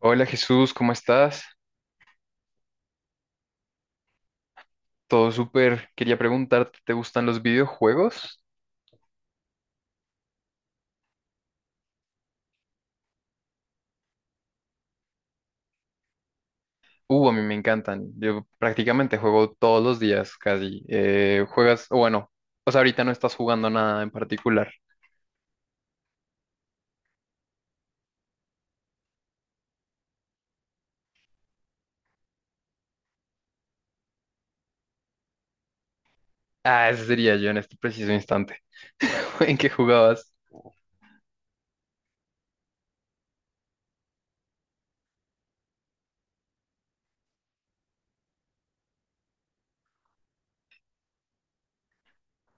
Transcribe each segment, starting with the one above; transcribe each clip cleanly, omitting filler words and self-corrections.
Hola Jesús, ¿cómo estás? Todo súper. Quería preguntarte, ¿te gustan los videojuegos? A mí me encantan. Yo prácticamente juego todos los días casi. O bueno, pues ahorita no estás jugando nada en particular. Ah, ese sería yo en este preciso instante. ¿En qué jugabas?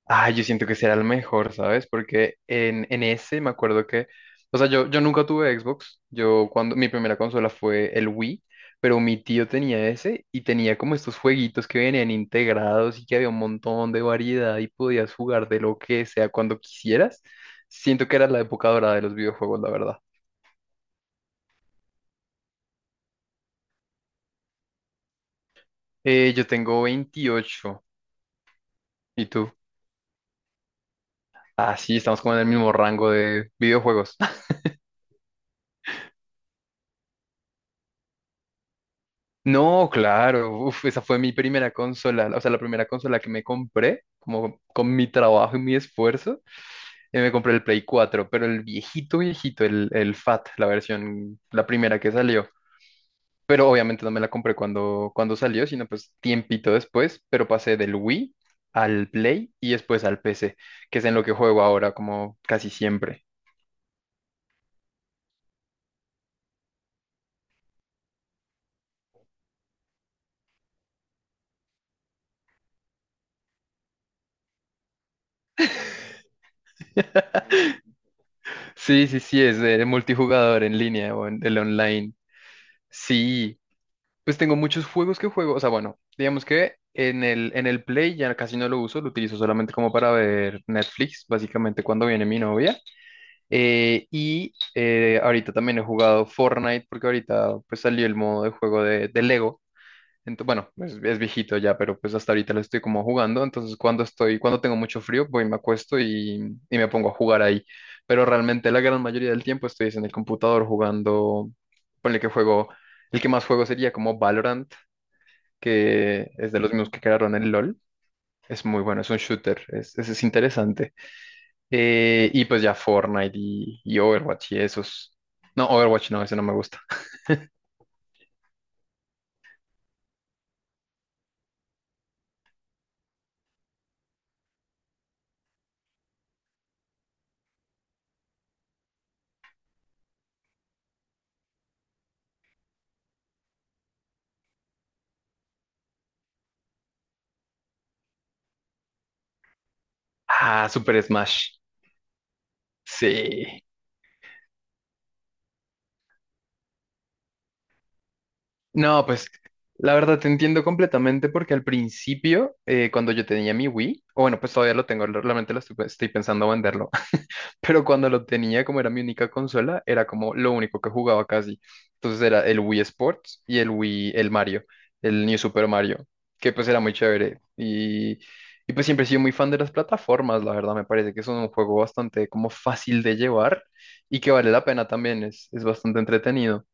Ah, yo siento que será el mejor, ¿sabes? Porque en ese me acuerdo que, o sea, yo nunca tuve Xbox, yo cuando mi primera consola fue el Wii, pero mi tío tenía ese y tenía como estos jueguitos que venían integrados y que había un montón de variedad y podías jugar de lo que sea cuando quisieras. Siento que era la época dorada de los videojuegos, la verdad. Yo tengo 28, ¿y tú? Ah, sí, estamos como en el mismo rango de videojuegos. No, claro, uf, esa fue mi primera consola, o sea, la primera consola que me compré, como con mi trabajo y mi esfuerzo, me compré el Play 4, pero el viejito, viejito, el FAT, la versión, la primera que salió. Pero obviamente no me la compré cuando salió, sino pues tiempito después, pero pasé del Wii al Play y después al PC, que es en lo que juego ahora, como casi siempre. Sí, sí, sí, es de multijugador en línea o en el online. Sí, pues tengo muchos juegos que juego, o sea, bueno, digamos que en el Play ya casi no lo uso, lo utilizo solamente como para ver Netflix, básicamente cuando viene mi novia. Y ahorita también he jugado Fortnite porque ahorita pues salió el modo de juego de Lego. Entonces, bueno, es viejito ya, pero pues hasta ahorita lo estoy como jugando. Entonces cuando tengo mucho frío, voy, me acuesto y me pongo a jugar ahí. Pero realmente la gran mayoría del tiempo estoy es en el computador jugando, ponle que juego... El que más juego sería como Valorant, que es de los mismos que crearon el LOL. Es muy bueno, es un shooter, es interesante. Y pues ya Fortnite y Overwatch y esos. No, Overwatch no, ese no me gusta. Ah, Super Smash. Sí. No, pues la verdad te entiendo completamente porque al principio, cuando yo tenía mi Wii, o bueno, pues todavía lo tengo, realmente lo estoy pensando venderlo. Pero cuando lo tenía, como era mi única consola, era como lo único que jugaba casi. Entonces era el Wii Sports y el Wii, el Mario, el New Super Mario, que pues era muy chévere. Y pues siempre he sido muy fan de las plataformas, la verdad, me parece que es un juego bastante como fácil de llevar y que vale la pena también, es bastante entretenido.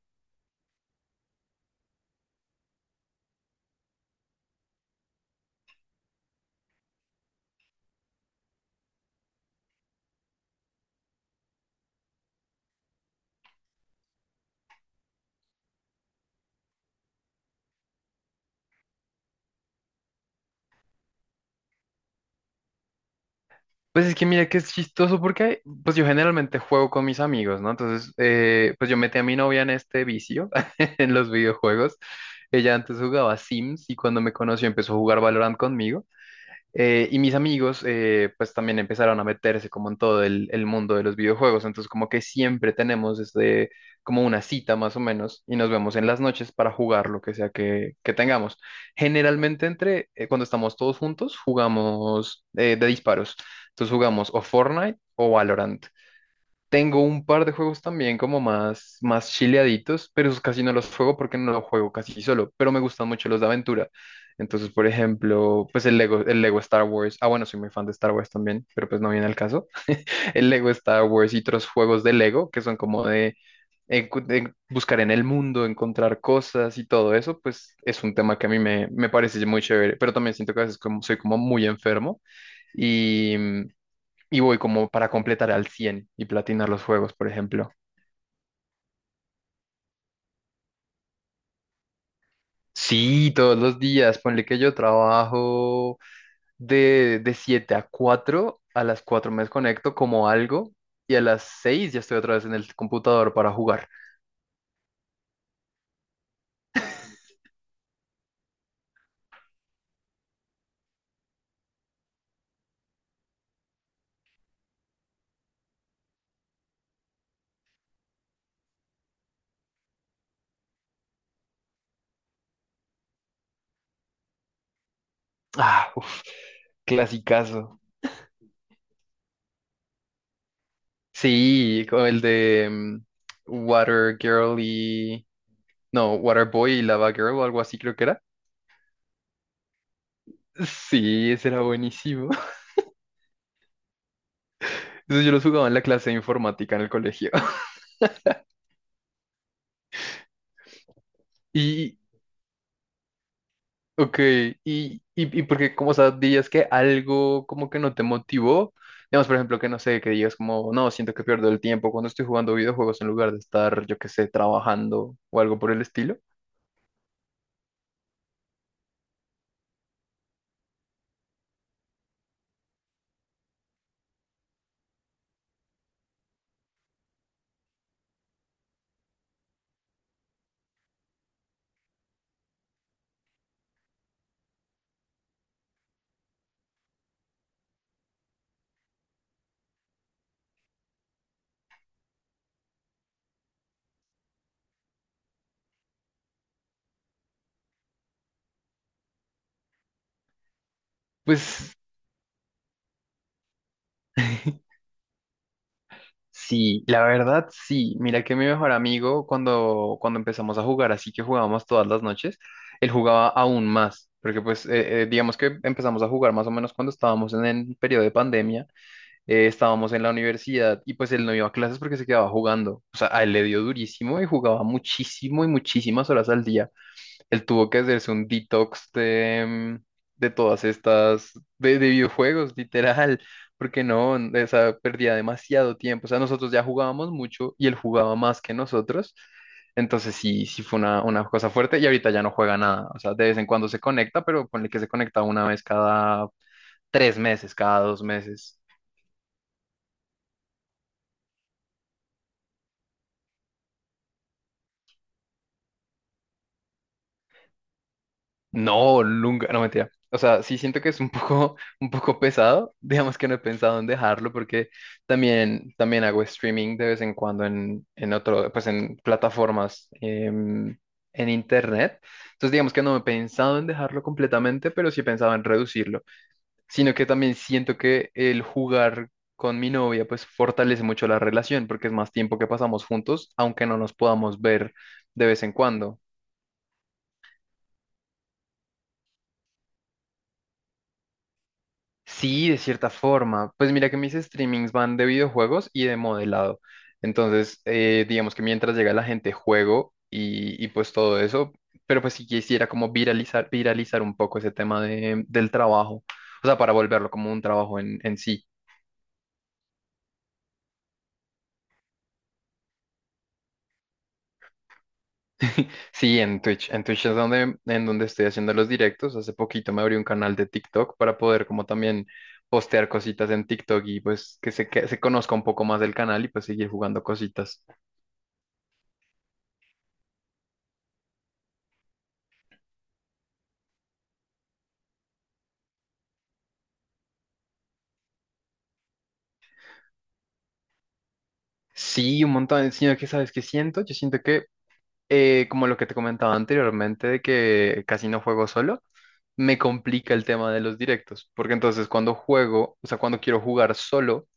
Pues es que mira que es chistoso porque pues yo generalmente juego con mis amigos, ¿no? Entonces, pues yo metí a mi novia en este vicio, en los videojuegos. Ella antes jugaba Sims y cuando me conoció empezó a jugar Valorant conmigo. Y mis amigos, pues también empezaron a meterse como en todo el mundo de los videojuegos. Entonces, como que siempre tenemos este, como una cita más o menos, y nos vemos en las noches para jugar lo que sea que tengamos. Generalmente, cuando estamos todos juntos, jugamos de disparos. Entonces, jugamos o Fortnite o Valorant. Tengo un par de juegos también como más, más chileaditos, pero esos casi no los juego porque no los juego casi solo, pero me gustan mucho los de aventura. Entonces, por ejemplo, pues el Lego Star Wars. Ah, bueno, soy muy fan de Star Wars también, pero pues no viene al caso. El Lego Star Wars y otros juegos de Lego que son como de buscar en el mundo, encontrar cosas y todo eso, pues es un tema que a mí me parece muy chévere, pero también siento que a veces como, soy como muy enfermo y, y voy como para completar al 100 y platinar los juegos, por ejemplo. Sí, todos los días. Ponle que yo trabajo de 7 a 4. A las 4 me desconecto como algo. Y a las 6 ya estoy otra vez en el computador para jugar. Ah, uf, clasicazo. Sí, como el de Water Girl y... No, Water Boy y Lava Girl o algo así creo que era. Sí, ese era buenísimo. Eso yo los jugaba en la clase de informática en el colegio. Y ok, y porque como, o sea, dirías que algo como que no te motivó, digamos, por ejemplo, que no sé, que digas como, no, siento que pierdo el tiempo cuando estoy jugando videojuegos en lugar de estar, yo qué sé, trabajando o algo por el estilo. Pues sí, la verdad sí. Mira que mi mejor amigo cuando empezamos a jugar, así que jugábamos todas las noches, él jugaba aún más, porque pues digamos que empezamos a jugar más o menos cuando estábamos en el periodo de pandemia. Estábamos en la universidad y pues él no iba a clases porque se quedaba jugando. O sea, a él le dio durísimo y jugaba muchísimo y muchísimas horas al día. Él tuvo que hacerse un detox mm, de todas estas, de videojuegos, literal, porque no, esa perdía demasiado tiempo. O sea, nosotros ya jugábamos mucho y él jugaba más que nosotros. Entonces sí, sí fue una cosa fuerte y ahorita ya no juega nada. O sea, de vez en cuando se conecta, pero ponle que se conecta una vez cada 3 meses, cada 2 meses. No, nunca, no mentira. O sea, sí siento que es un poco pesado. Digamos que no he pensado en dejarlo porque también hago streaming de vez en cuando en otro, pues en plataformas en internet. Entonces, digamos que no he pensado en dejarlo completamente, pero sí he pensado en reducirlo. Sino que también siento que el jugar con mi novia, pues fortalece mucho la relación porque es más tiempo que pasamos juntos, aunque no nos podamos ver de vez en cuando. Sí, de cierta forma. Pues mira que mis streamings van de videojuegos y de modelado. Entonces, digamos que mientras llega la gente, juego y pues todo eso. Pero pues si quisiera como viralizar, viralizar un poco ese tema del trabajo. O sea, para volverlo como un trabajo en sí. Sí, en Twitch. En Twitch es en donde estoy haciendo los directos. Hace poquito me abrí un canal de TikTok para poder como también postear cositas en TikTok y pues que se conozca un poco más del canal y pues seguir jugando cositas. Sí, un montón, sino que sabes qué siento, yo siento que como lo que te comentaba anteriormente de que casi no juego solo, me complica el tema de los directos, porque entonces cuando juego, o sea, cuando quiero jugar solo,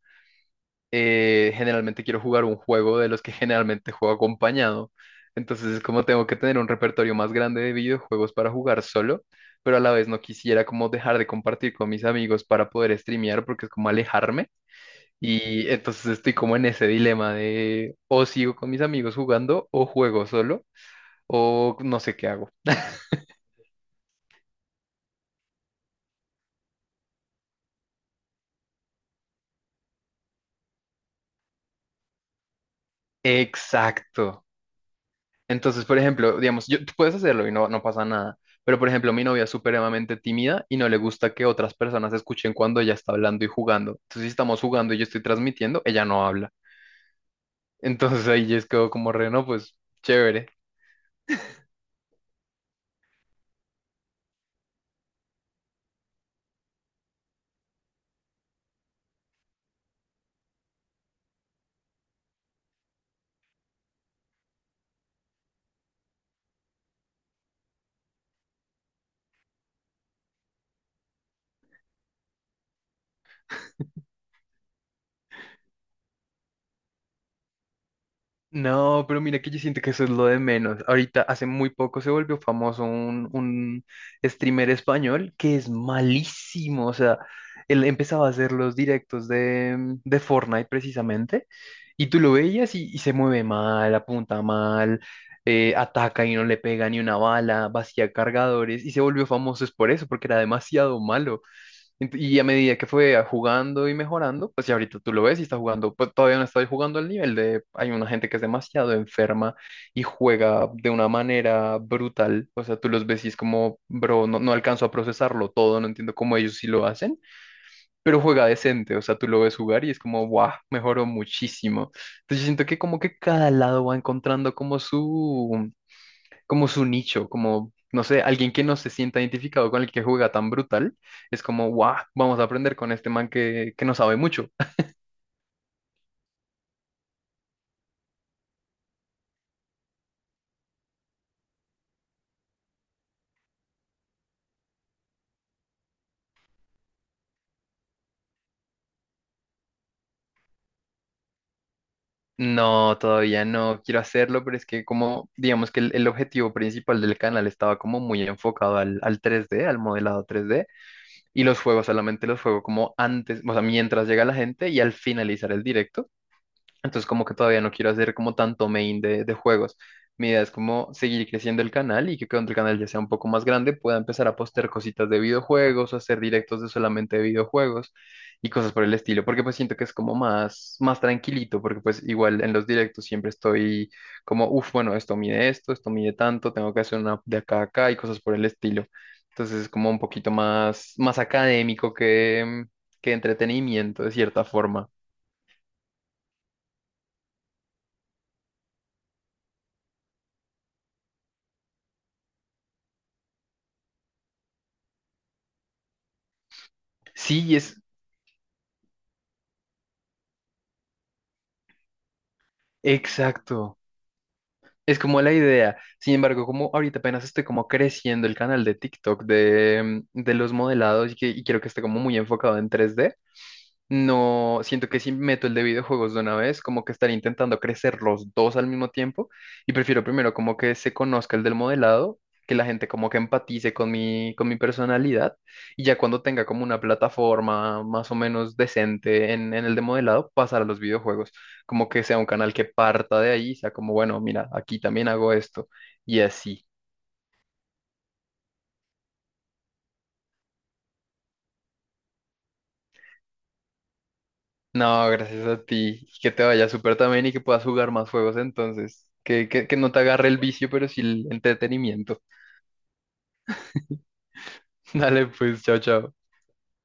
generalmente quiero jugar un juego de los que generalmente juego acompañado, entonces es como tengo que tener un repertorio más grande de videojuegos para jugar solo, pero a la vez no quisiera como dejar de compartir con mis amigos para poder streamear, porque es como alejarme. Y entonces estoy como en ese dilema de o sigo con mis amigos jugando o juego solo o no sé qué hago. Exacto. Entonces, por ejemplo, digamos, tú puedes hacerlo y no, no pasa nada. Pero, por ejemplo, mi novia es supremamente tímida y no le gusta que otras personas escuchen cuando ella está hablando y jugando. Entonces, si estamos jugando y yo estoy transmitiendo, ella no habla. Entonces ahí yo es quedo como re, no, pues chévere. No, pero mira que yo siento que eso es lo de menos. Ahorita hace muy poco se volvió famoso un streamer español que es malísimo. O sea, él empezaba a hacer los directos de Fortnite precisamente y tú lo veías y se mueve mal, apunta mal, ataca y no le pega ni una bala, vacía cargadores y se volvió famoso es por eso, porque era demasiado malo. Y a medida que fue jugando y mejorando, pues ya ahorita tú lo ves y está jugando, pues todavía no estoy jugando al nivel de, hay una gente que es demasiado enferma y juega de una manera brutal, o sea, tú los ves y es como, bro, no, no alcanzo a procesarlo todo, no entiendo cómo ellos sí lo hacen, pero juega decente, o sea, tú lo ves jugar y es como, wow, mejoró muchísimo. Entonces yo siento que como que cada lado va encontrando como su nicho, como, no sé, alguien que no se sienta identificado con el que juega tan brutal, es como, guau, vamos a aprender con este man que no sabe mucho. No, todavía no quiero hacerlo, pero es que como, digamos que el objetivo principal del canal estaba como muy enfocado al modelado 3D y los juegos solamente los juego como antes, o sea, mientras llega la gente y al finalizar el directo. Entonces como que todavía no quiero hacer como tanto main de juegos. Mi idea es como seguir creciendo el canal y que cuando el canal ya sea un poco más grande pueda empezar a postear cositas de videojuegos o hacer directos de solamente de videojuegos y cosas por el estilo, porque pues siento que es como más, más tranquilito, porque pues igual en los directos siempre estoy como, uff, bueno, esto mide esto, esto mide tanto, tengo que hacer una de acá a acá y cosas por el estilo. Entonces es como un poquito más, más académico que entretenimiento de cierta forma. Sí, exacto. Es como la idea. Sin embargo, como ahorita apenas estoy como creciendo el canal de TikTok de los modelados y quiero que esté como muy enfocado en 3D. No, siento que si meto el de videojuegos de una vez, como que estaré intentando crecer los dos al mismo tiempo y prefiero primero como que se conozca el del modelado, que la gente como que empatice con con mi personalidad y ya cuando tenga como una plataforma más o menos decente en el de modelado, pasar a los videojuegos, como que sea un canal que parta de ahí, sea como, bueno, mira, aquí también hago esto y así. No, gracias a ti. Y que te vaya súper también y que puedas jugar más juegos entonces. Que no te agarre el vicio, pero sí el entretenimiento. Dale, pues, chao, chao.